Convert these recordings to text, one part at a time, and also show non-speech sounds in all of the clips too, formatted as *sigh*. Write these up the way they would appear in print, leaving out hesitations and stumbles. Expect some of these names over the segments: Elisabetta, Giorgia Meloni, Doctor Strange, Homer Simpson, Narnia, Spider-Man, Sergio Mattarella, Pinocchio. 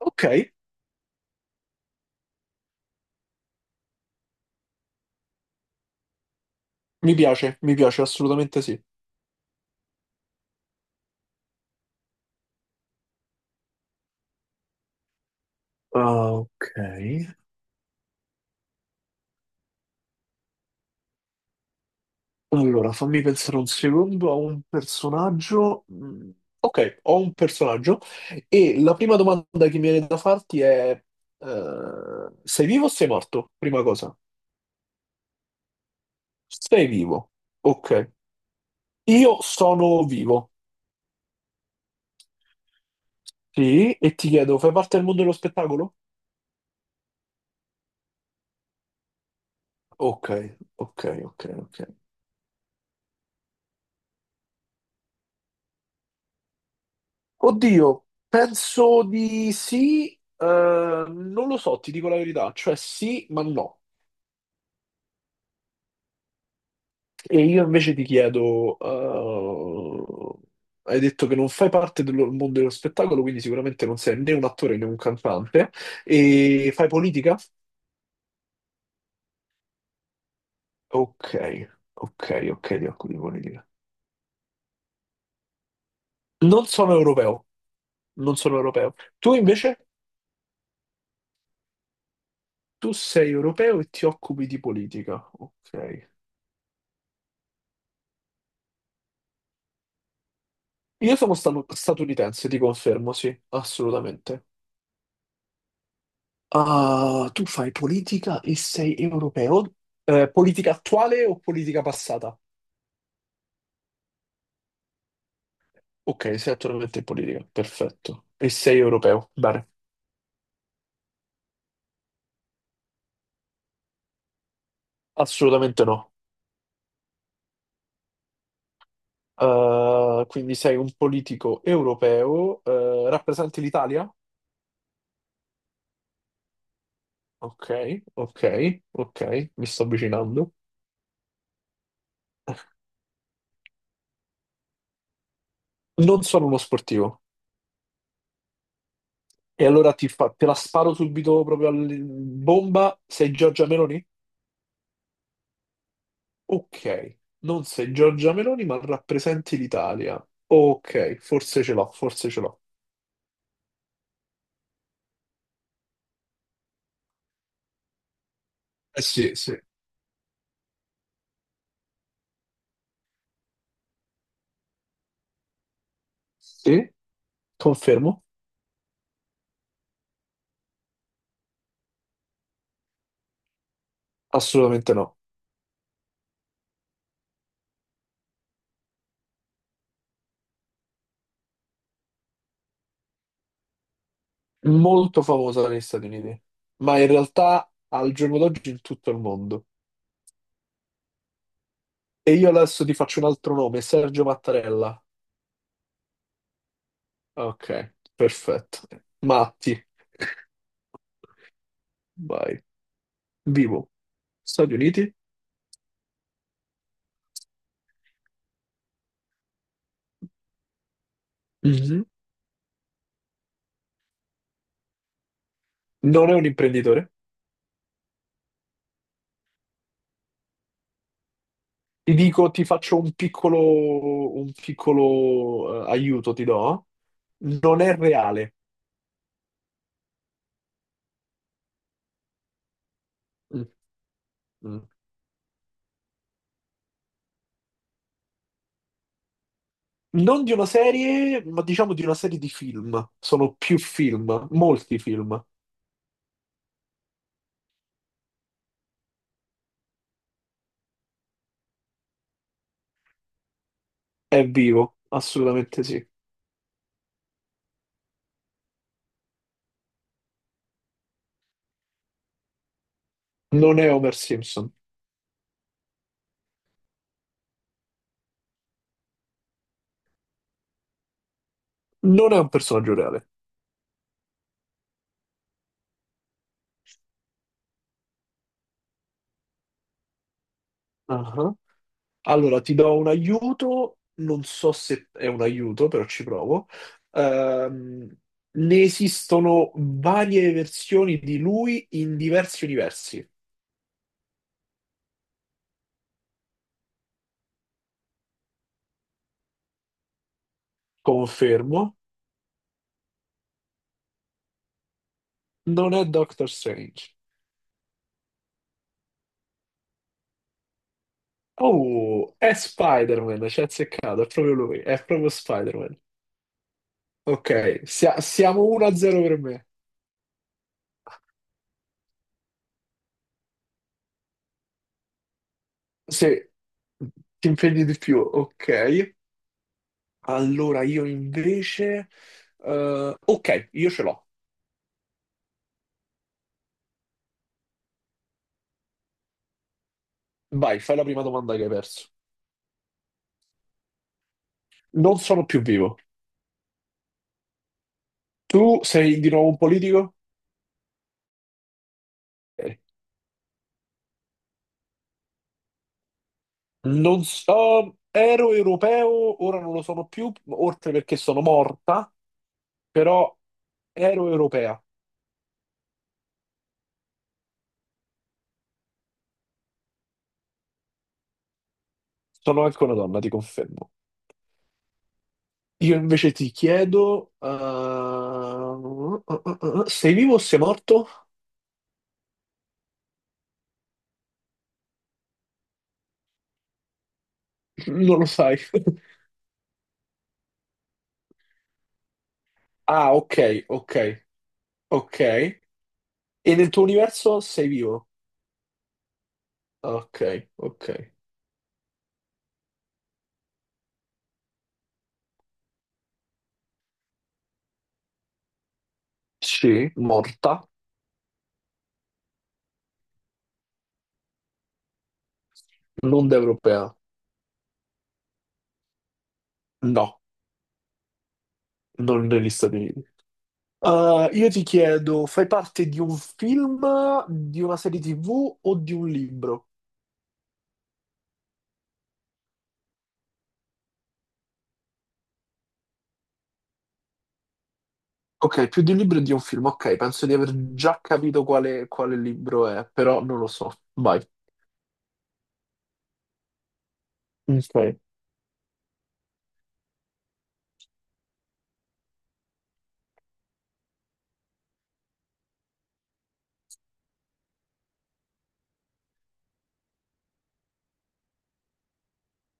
Ok, mi piace, assolutamente sì. Ah, ok. Allora, fammi pensare un secondo a un personaggio. Mm, ok, ho un personaggio e la prima domanda che mi viene da farti è, sei vivo o sei morto? Prima cosa. Sei vivo. Ok. Io sono vivo. Sì, e ti chiedo, fai parte del mondo dello spettacolo? Ok, ok. Oddio, penso di sì, non lo so, ti dico la verità, cioè sì, ma no. E io invece ti chiedo, hai detto che non fai parte del mondo dello spettacolo, quindi sicuramente non sei né un attore né un cantante, e fai politica? Ok, ok, ti occupi di politica. Non sono europeo, non sono europeo. Tu invece, tu sei europeo e ti occupi di politica, ok. Io sono statunitense, ti confermo, sì, assolutamente. Ah, tu fai politica e sei europeo? Politica attuale o politica passata? Ok, sei attualmente in politica, perfetto. E sei europeo? Bene, assolutamente no. Quindi sei un politico europeo, rappresenti l'Italia? Ok, ok, mi sto avvicinando. Non sono uno sportivo. E allora te la sparo subito proprio a bomba, sei Giorgia Meloni? Ok, non sei Giorgia Meloni, ma rappresenti l'Italia. Ok, forse ce l'ho. Eh sì, sì. Sì? Confermo? Assolutamente no. Molto famosa negli Stati Uniti, ma in realtà al giorno d'oggi in tutto il mondo. E io adesso ti faccio un altro nome, Sergio Mattarella. Ok, perfetto. Matti. *laughs* Vai. Vivo. Stati Uniti? Mhm. Non è un imprenditore? Ti dico, ti faccio un piccolo aiuto, ti do. Non è reale. Mm, mm. Non di una serie, ma diciamo di una serie di film. Sono più film, molti film. È vivo, assolutamente sì. Non è Homer Simpson. Non è un personaggio reale. Ah. Allora, ti do un aiuto, non so se è un aiuto, però ci provo. Ehm, ne esistono varie versioni di lui in diversi universi. Confermo, non è Doctor Strange. Oh, è Spider-Man, ci ha azzeccato, è proprio lui, è proprio Spider-Man. Ok, siamo 1-0 per me. Se ti impegni di più, ok. Allora, io invece... ok, io ce l'ho. Vai, fai la prima domanda che hai perso. Non sono più vivo. Tu sei di nuovo un politico? Ok. Non so, ero europeo, ora non lo sono più, oltre perché sono morta, però ero europea. Sono anche una donna, ti confermo. Io invece ti chiedo, sei vivo o sei morto? Non lo sai. *laughs* Ah, ok. E nel tuo universo sei vivo? Ok, ok. Sì, morta. L'onda europea? No, non negli Stati Uniti. Io ti chiedo, fai parte di un film, di una serie TV o di un libro? Ok, più di un libro e di un film. Ok, penso di aver già capito quale, quale libro è, però non lo so. Vai. Ok.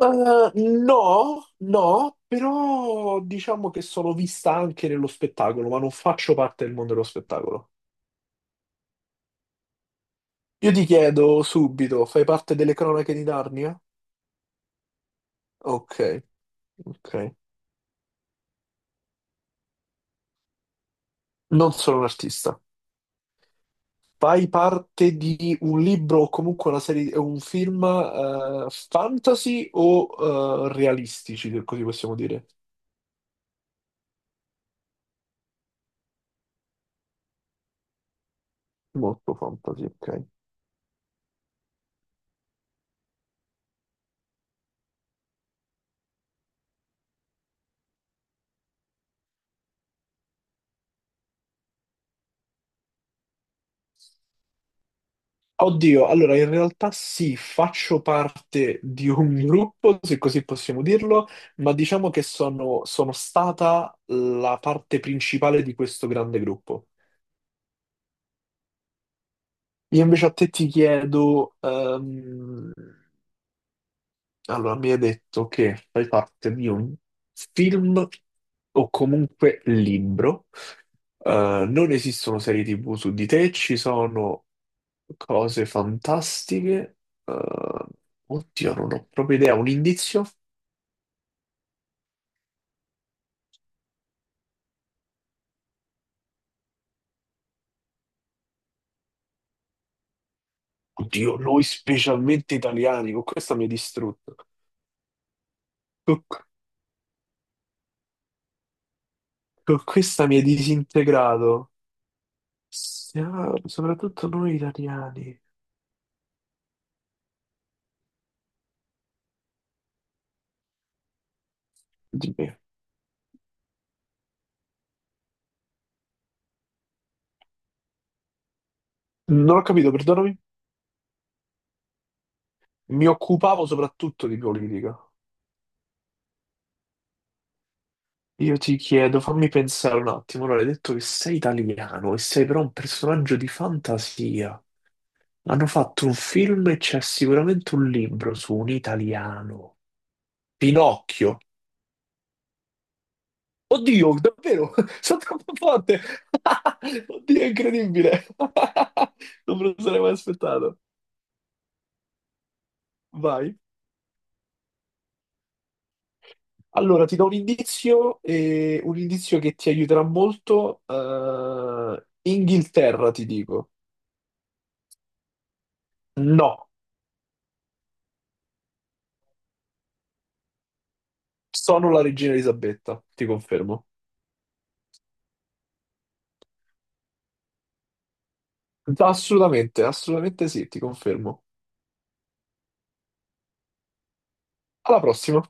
Uh, no, no, però diciamo che sono vista anche nello spettacolo, ma non faccio parte del mondo dello spettacolo. Io ti chiedo subito, fai parte delle cronache di Narnia? Ok, ok. Non sono un artista. Fai parte di un libro o comunque una serie, un film fantasy o realistici, se così possiamo dire. Molto fantasy, ok. Oddio, allora in realtà sì, faccio parte di un *laughs* gruppo, se così possiamo dirlo, ma diciamo che sono stata la parte principale di questo grande gruppo. Io invece a te ti chiedo, allora, mi hai detto che fai parte di un film o comunque libro. Non esistono serie TV su di te, ci sono cose fantastiche. Eh, oddio, non ho proprio idea. Un indizio? Oddio, noi specialmente italiani, con questa mi hai distrutto. Con, con questa mi hai disintegrato. Siamo- soprattutto noi italiani. Dimmi. Non ho capito, perdonami. Mi occupavo soprattutto di politica. Io ti chiedo, fammi pensare un attimo. Allora, hai detto che sei italiano e sei però un personaggio di fantasia. Hanno fatto un film e c'è sicuramente un libro su un italiano. Pinocchio. Oddio, davvero? *laughs* Sono troppo forte! *laughs* Oddio, è incredibile! *laughs* Non me lo sarei mai aspettato. Vai. Allora, ti do un indizio, un indizio che ti aiuterà molto. Eh, Inghilterra, ti dico. No, sono la regina Elisabetta, ti confermo. Assolutamente sì, ti confermo. Alla prossima.